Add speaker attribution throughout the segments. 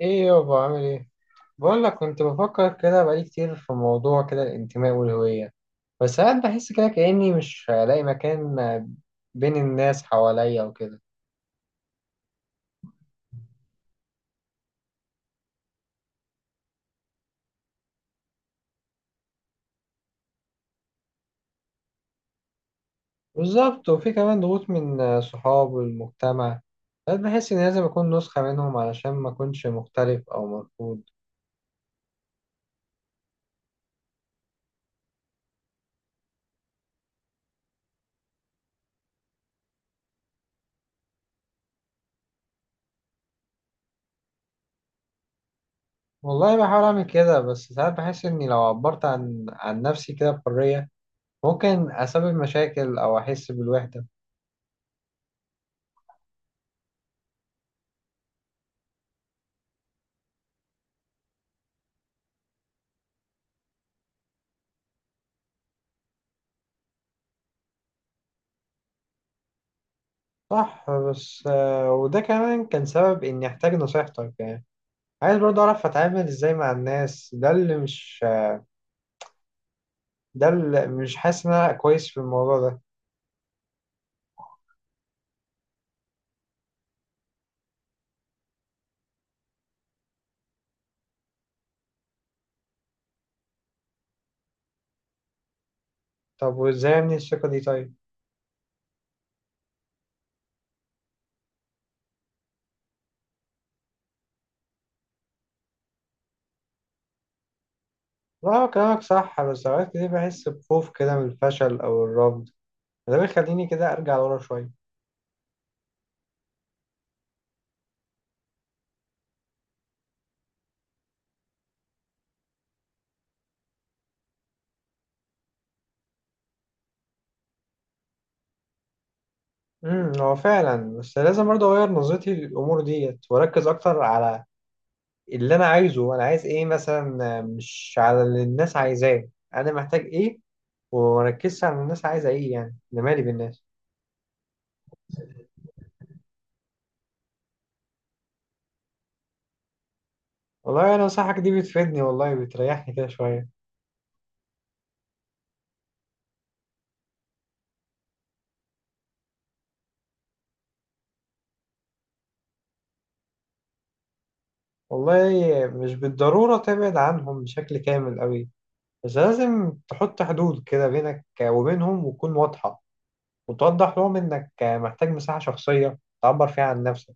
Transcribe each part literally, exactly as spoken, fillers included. Speaker 1: ايه يابا عامل ايه؟ بقول لك كنت بفكر كده بقالي كتير في موضوع كده الانتماء والهوية. بس ساعات بحس كده كأني مش هلاقي مكان بين الناس حواليا وكده. بالظبط، وفي كمان ضغوط من صحاب والمجتمع. ساعات بحس اني لازم اكون نسخة منهم علشان ما اكونش مختلف او مرفوض. والله بحاول اعمل كده، بس ساعات بحس اني لو عبرت عن عن نفسي كده بحرية ممكن اسبب مشاكل او احس بالوحدة. صح، بس آه، وده كمان كان سبب إني أحتاج نصيحتك يعني. عايز برضه أعرف أتعامل إزاي مع الناس، ده اللي مش ده اللي مش حاسس إن أنا كويس في الموضوع ده. طب وإزاي أبني الثقة دي طيب؟ لا هو كلامك صح، بس أوقات كتير بحس بخوف كده من الفشل أو الرفض، ده بيخليني كده أرجع ورا شوية. امم هو فعلا، بس لازم برضه أغير نظرتي للأمور ديت وأركز أكتر على اللي أنا عايزه. أنا عايز إيه مثلا، آه، مش على اللي الناس عايزاه. أنا محتاج إيه؟ ومركزش على الناس عايزة ايه، يعني انا مالي بالناس. والله انا نصيحتك دي بتفيدني، والله بتريحني كده شوية. والله مش بالضرورة تبعد عنهم بشكل كامل قوي، بس لازم تحط حدود كده بينك وبينهم وتكون واضحة، وتوضح لهم انك محتاج مساحة شخصية تعبر فيها عن نفسك.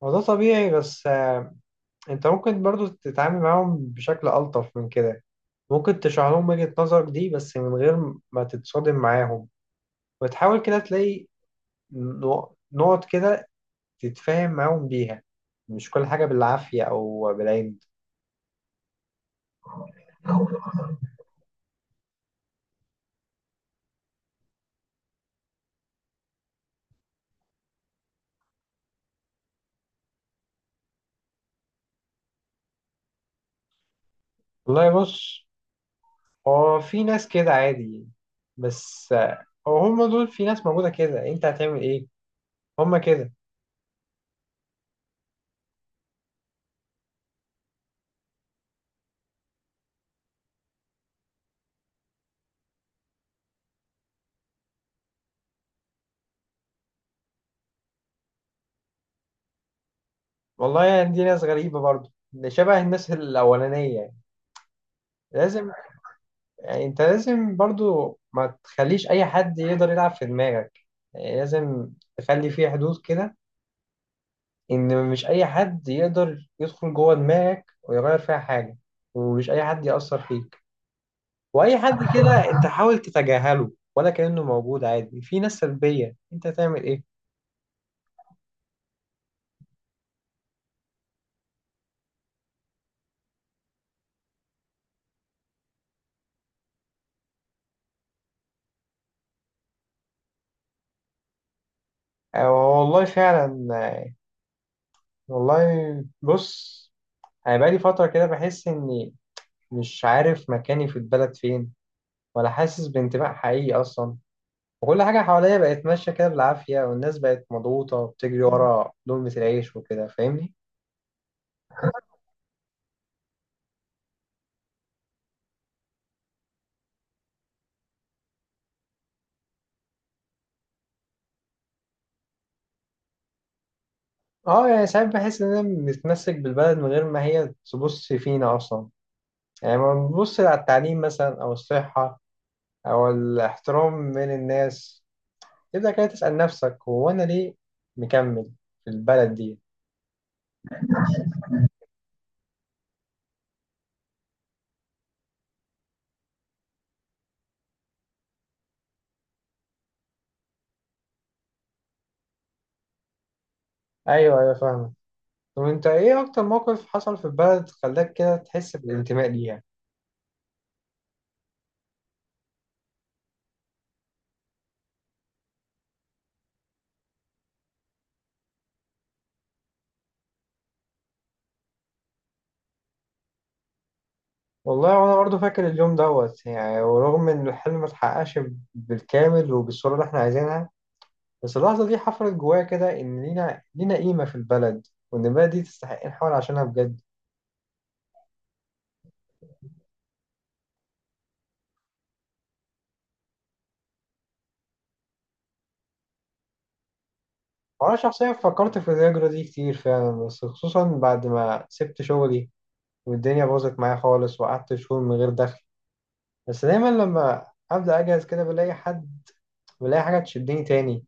Speaker 1: وده طبيعي، بس انت ممكن برضو تتعامل معاهم بشكل ألطف من كده. ممكن تشرح لهم وجهة نظرك دي بس من غير ما تتصادم معاهم، وتحاول كده تلاقي نقط كده تتفاهم معاهم بيها. مش كل حاجة بالعافية أو بالعند. والله بص، هو في ناس كده عادي، بس هو هم دول في ناس موجودة كده، أنت هتعمل إيه؟ هم كده. والله يعني دي ناس غريبة برضه، ده شبه الناس الأولانية يعني. لازم، يعني أنت لازم برضه ما تخليش أي حد يقدر يلعب في دماغك. يعني لازم تخلي فيه حدود كده، إن مش أي حد يقدر يدخل جوه دماغك ويغير فيها حاجة، ومش أي حد يأثر فيك، واي حد كده. انت حاول تتجاهله ولا كأنه موجود عادي. في ناس سلبية، انت تعمل ايه؟ آه، والله فعلا. آه، والله بص، انا بقالي فترة كده بحس اني مش عارف مكاني في البلد فين، ولا حاسس بانتماء حقيقي اصلا. وكل حاجة حواليا بقت ماشية كده بالعافية، والناس بقت مضغوطة وبتجري ورا لقمة العيش وكده، فاهمني؟ اه يعني ساعات بحس اننا بنتمسك بالبلد من غير ما هي تبص فينا اصلا. يعني لما بنبص على التعليم مثلا او الصحة أو الاحترام من الناس، تبدأ كده تسأل نفسك هو أنا ليه مكمل في البلد دي؟ أيوه أيوه فاهمة. طب أنت إيه أكتر موقف حصل في البلد خلاك كده تحس بالانتماء ليها؟ والله وأنا برضه فاكر اليوم دوت، يعني ورغم إن الحلم متحققش بالكامل وبالصورة اللي إحنا عايزينها، بس اللحظة دي حفرت جوايا كده إن لينا، لينا قيمة في البلد، وإن البلد دي تستحق نحاول عشانها بجد. وأنا شخصيا فكرت في الهجرة دي كتير فعلا، بس خصوصا بعد ما سبت شغلي والدنيا باظت معايا خالص وقعدت شهور من غير دخل. بس دايما لما أبدأ أجهز كده بلاقي حد، بلاقي حاجة تشدني تاني.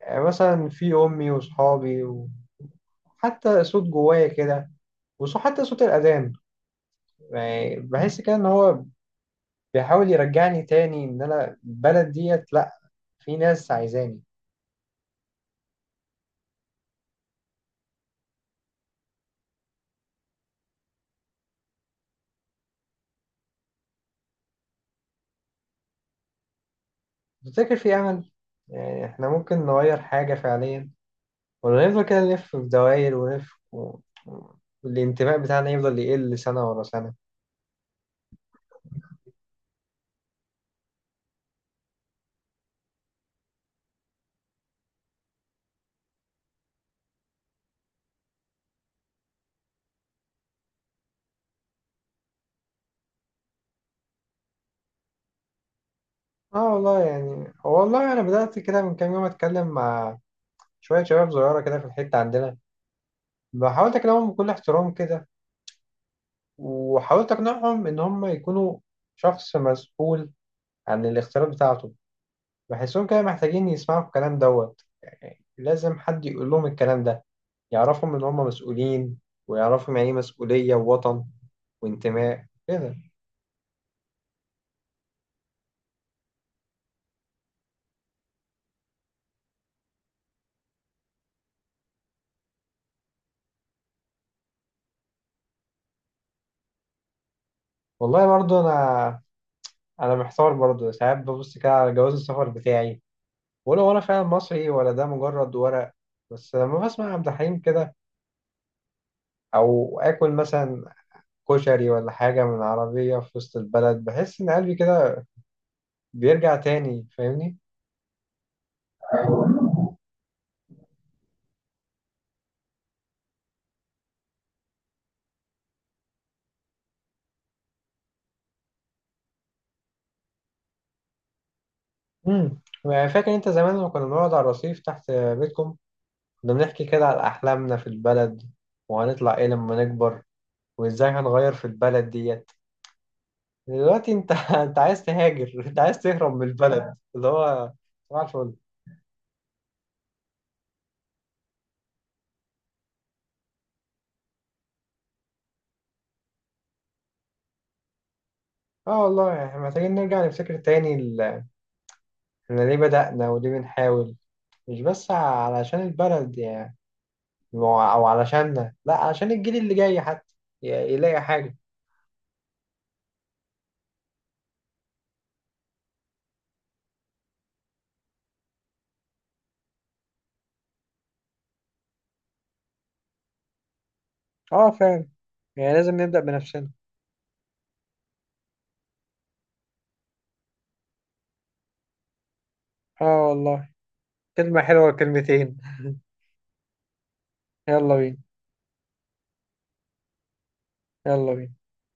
Speaker 1: يعني مثلا في أمي وصحابي، وحتى صوت جوايا كده، وحتى صوت الأذان. يعني بحس كده إن هو بيحاول يرجعني تاني إن أنا البلد ديت، لأ، في ناس عايزاني. تفتكر في أمل؟ يعني إحنا ممكن نغير حاجة فعليا، ولا نفضل كده نلف في دوائر ونلف و... والانتماء بتاعنا يفضل يقل سنة ورا سنة. اه والله يعني، والله انا بدات كده من كام يوم اتكلم مع شويه شباب صغيره كده في الحته عندنا. حاولت اكلمهم بكل احترام كده، وحاولت اقنعهم ان هم يكونوا شخص مسؤول عن الاختيارات بتاعته. بحسهم كده محتاجين يسمعوا الكلام دوت، يعني لازم حد يقول لهم الكلام ده، يعرفهم ان هم مسؤولين، ويعرفهم يعني ايه مسؤوليه ووطن وانتماء كده. والله برضو انا انا محتار برضو ساعات، ببص كده على جواز السفر بتاعي، ولا ولا فعلا مصري ولا ده مجرد ورق؟ بس لما بسمع عبد الحليم كده، أو آكل مثلا كشري ولا حاجة من عربية في وسط البلد، بحس إن قلبي كده بيرجع تاني، فاهمني؟ امم فاكر أنت زمان لما كنا بنقعد على الرصيف تحت بيتكم، كنا بنحكي كده على أحلامنا في البلد، وهنطلع إيه لما نكبر، وإزاي هنغير في البلد ديت؟ دلوقتي أنت أنت عايز تهاجر، أنت عايز تهرب من البلد اللي هو، صباح الفل! اه والله احنا محتاجين نرجع نفتكر تاني إحنا ليه بدأنا وليه بنحاول. مش بس علشان البلد يعني، أو أو علشاننا، لأ، علشان الجيل اللي جاي حتى ي- يلاقي حاجة. اه فعلا، يعني لازم نبدأ بنفسنا. اه والله، كلمة حلوة كلمتين يلا بينا. يلا بينا.